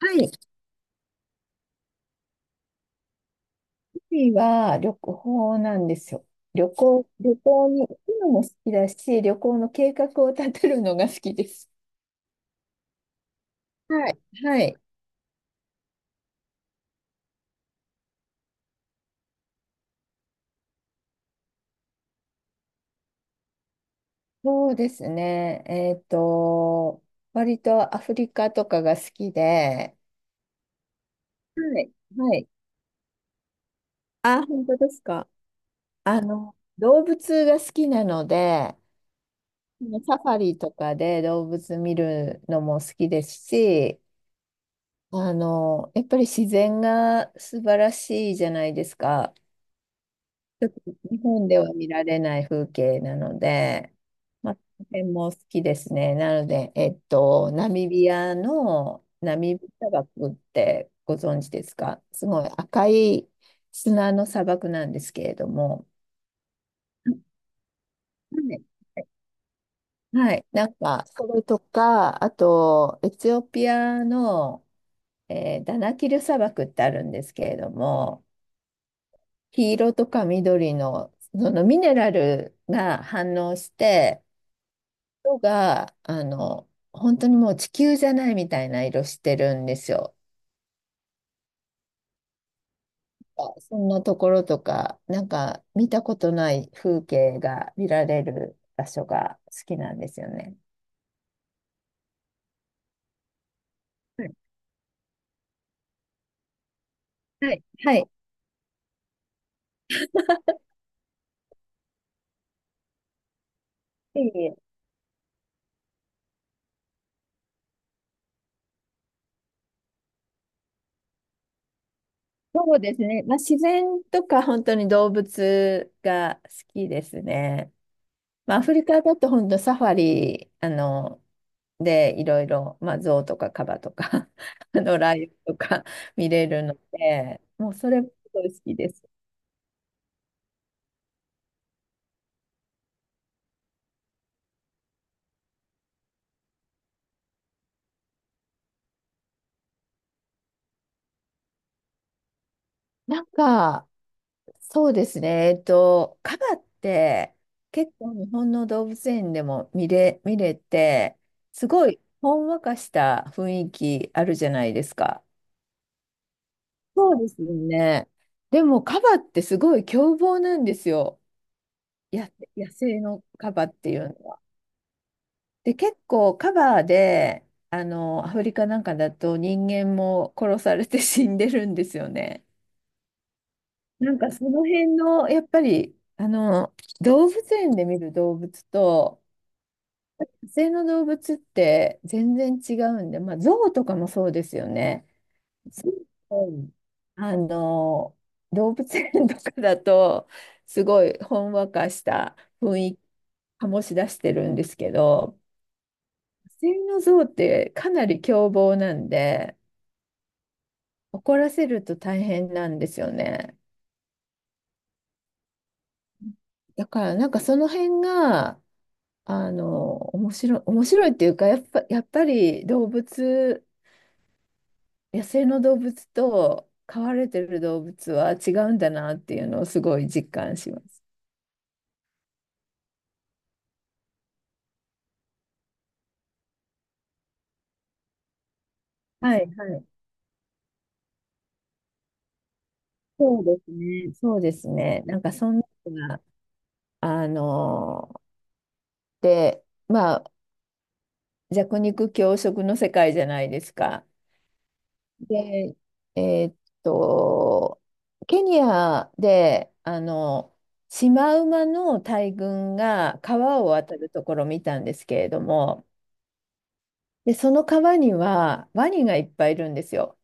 はい。趣味は旅行なんですよ。旅行に行くのも好きだし、旅行の計画を立てるのが好きです。はい。はい。そうですね。割とアフリカとかが好きで、はい。はい。あ、本当ですか？動物が好きなので、サファリとかで動物見るのも好きですし、やっぱり自然が素晴らしいじゃないですか。ちょっと日本では見られない風景なので、まあ、この辺も好きですね。なので、ナミビアのナミブ砂漠ってご存知ですか？すごい赤い砂の砂漠なんですけれども、はいはい、なんか、それとか、あと、エチオピアの、ダナキル砂漠ってあるんですけれども、黄色とか緑の、そのミネラルが反応して、色が、本当にもう地球じゃないみたいな色してるんですよ。あ、そんなところとか、なんか見たことない風景が見られる場所が好きなんですよね。はい。はい。はい。 いえいえ。そうですね。まあ、自然とか本当に動物が好きですね。まあ、アフリカだと本当サファリ、で、いろいろ、まあ、象とかカバとか ライオンとか見れるので、もうそれもすごい好きです。なんか、そうですね。カバって結構日本の動物園でも見れて、すごいほんわかした雰囲気あるじゃないですか。そうですよね。でも、カバってすごい凶暴なんですよ。や、野生のカバっていうのは。で、結構カバーで、アフリカなんかだと人間も殺されて 死んでるんですよね。なんかその辺の、やっぱり、動物園で見る動物と、野生の動物って全然違うんで、まあ、象とかもそうですよね。象ってあの、動物園とかだと、すごいほんわかした雰囲気醸し出してるんですけど、セミの像ってかなり凶暴なんで、怒らせると大変なんですよね。だからなんかその辺が、面白いっていうか、やっぱり動物、野生の動物と飼われてる動物は違うんだなっていうのをすごい実感します。はいはい。そうですね。そうですね。なんかそんなのが、あの、で、まあ、弱肉強食の世界じゃないですか。で、えーっと、ケニアで、シマウマの大群が川を渡るところを見たんですけれども、で、その川にはワニがいっぱいいるんですよ。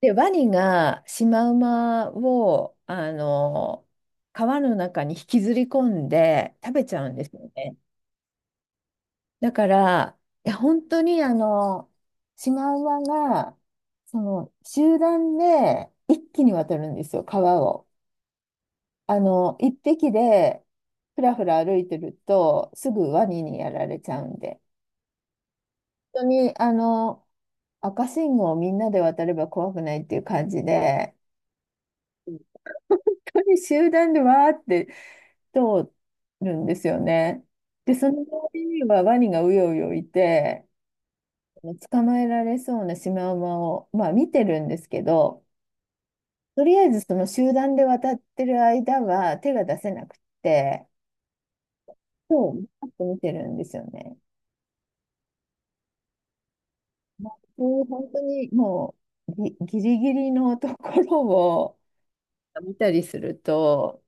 で、ワニがシマウマを、川の中に引きずり込んで食べちゃうんですよね。だから、いや、本当にシマウマが、その、集団で一気に渡るんですよ、川を。一匹でふらふら歩いてると、すぐワニにやられちゃうんで。本当に、赤信号をみんなで渡れば怖くないっていう感じで、本当に集団でわーって通るんですよね。で、その通りにはワニがうようよいて、捕まえられそうなシマウマを、まあ、見てるんですけど、とりあえずその集団で渡ってる間は手が出せなくて、そう、パッと見てるんですよね。まあ、そういう本当にもうギリギリのところを見たりすると、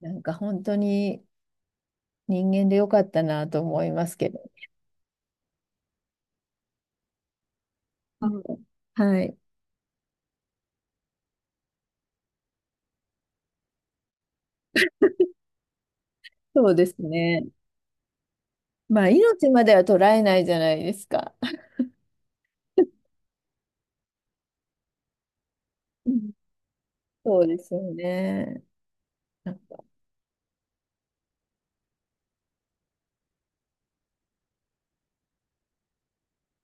なんか本当に人間でよかったなと思いますけど。うん。はい。そうですね。まあ、命までは捉えないじゃないですか。うん。そうですよね。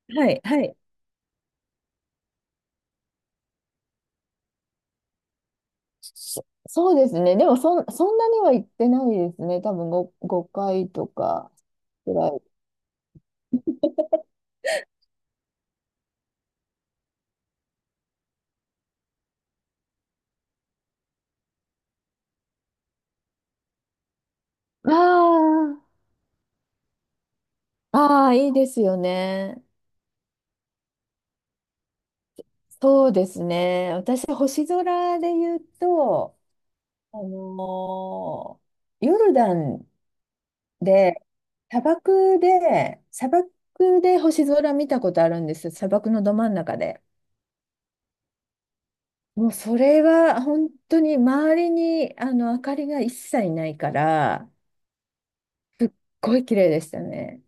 はい、はい。そうですね。でもそんなには行ってないですね。多分5回とかぐらい。ああ、ああ、いいですよね。そうですね。私、星空で言うと、あのヨルダンで、砂漠で星空見たことあるんですよ。砂漠のど真ん中で。もうそれは本当に周りにあの明かりが一切ないから、すっごい綺麗でしたね。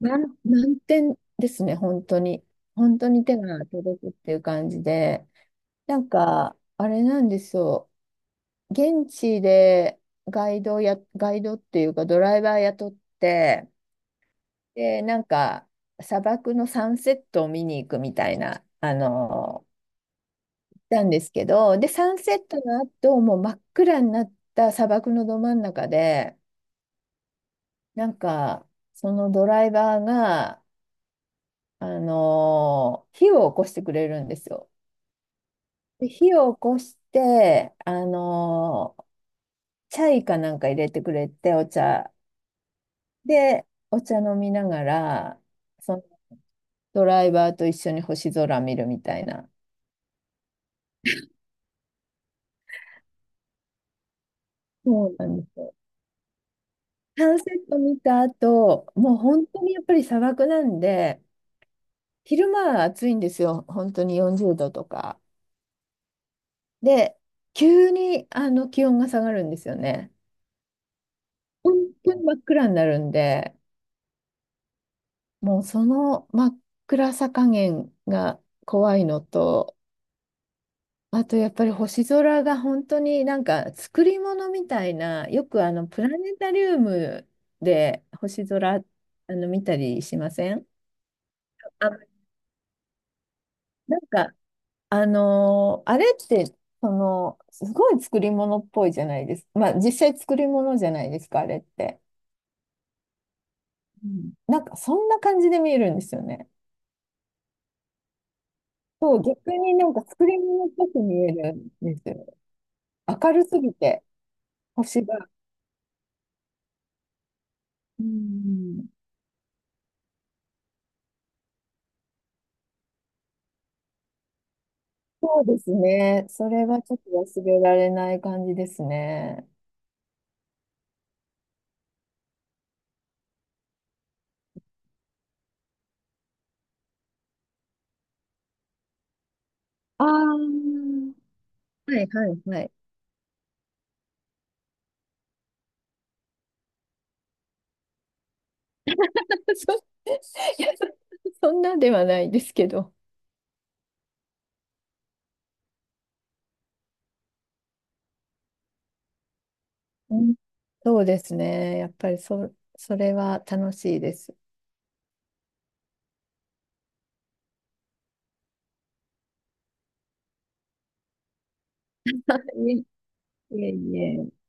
な満点ですね、本当に。本当に手が届くっていう感じで。なんか、あれなんですよ。現地でガイドっていうかドライバー雇って、で、なんか、砂漠のサンセットを見に行くみたいな、なんですけど、で、サンセットの後、もう真っ暗になった砂漠のど真ん中で、なんか、そのドライバーが、火を起こしてくれるんですよ。で、火を起こして、チャイかなんか入れてくれて、お茶。で、お茶飲みながら、そのドライバーと一緒に星空見るみたいな。そうなんですよ。サンセット見た後、もう本当にやっぱり砂漠なんで、昼間は暑いんですよ。本当に40度とか。で、急にあの気温が下がるんですよね。本当に真っ暗になるんで、もうその真っ暗さ加減が怖いのと、あとやっぱり星空が本当になんか作り物みたいな、よくあのプラネタリウムで星空見たりしません？あ、なんかあれってそのすごい作り物っぽいじゃないですか。まあ実際作り物じゃないですか、あれって。うん。なんかそんな感じで見えるんですよね。そう、逆になんか作り物っぽく見えるんですよ。明るすぎて、星が。うん。そうですね。それはちょっと忘れられない感じですね。ああ、はいはいはい。そ、いや、そんなではないですけど。うん、そうですね。やっぱりそれは楽しいです。いえいえいえ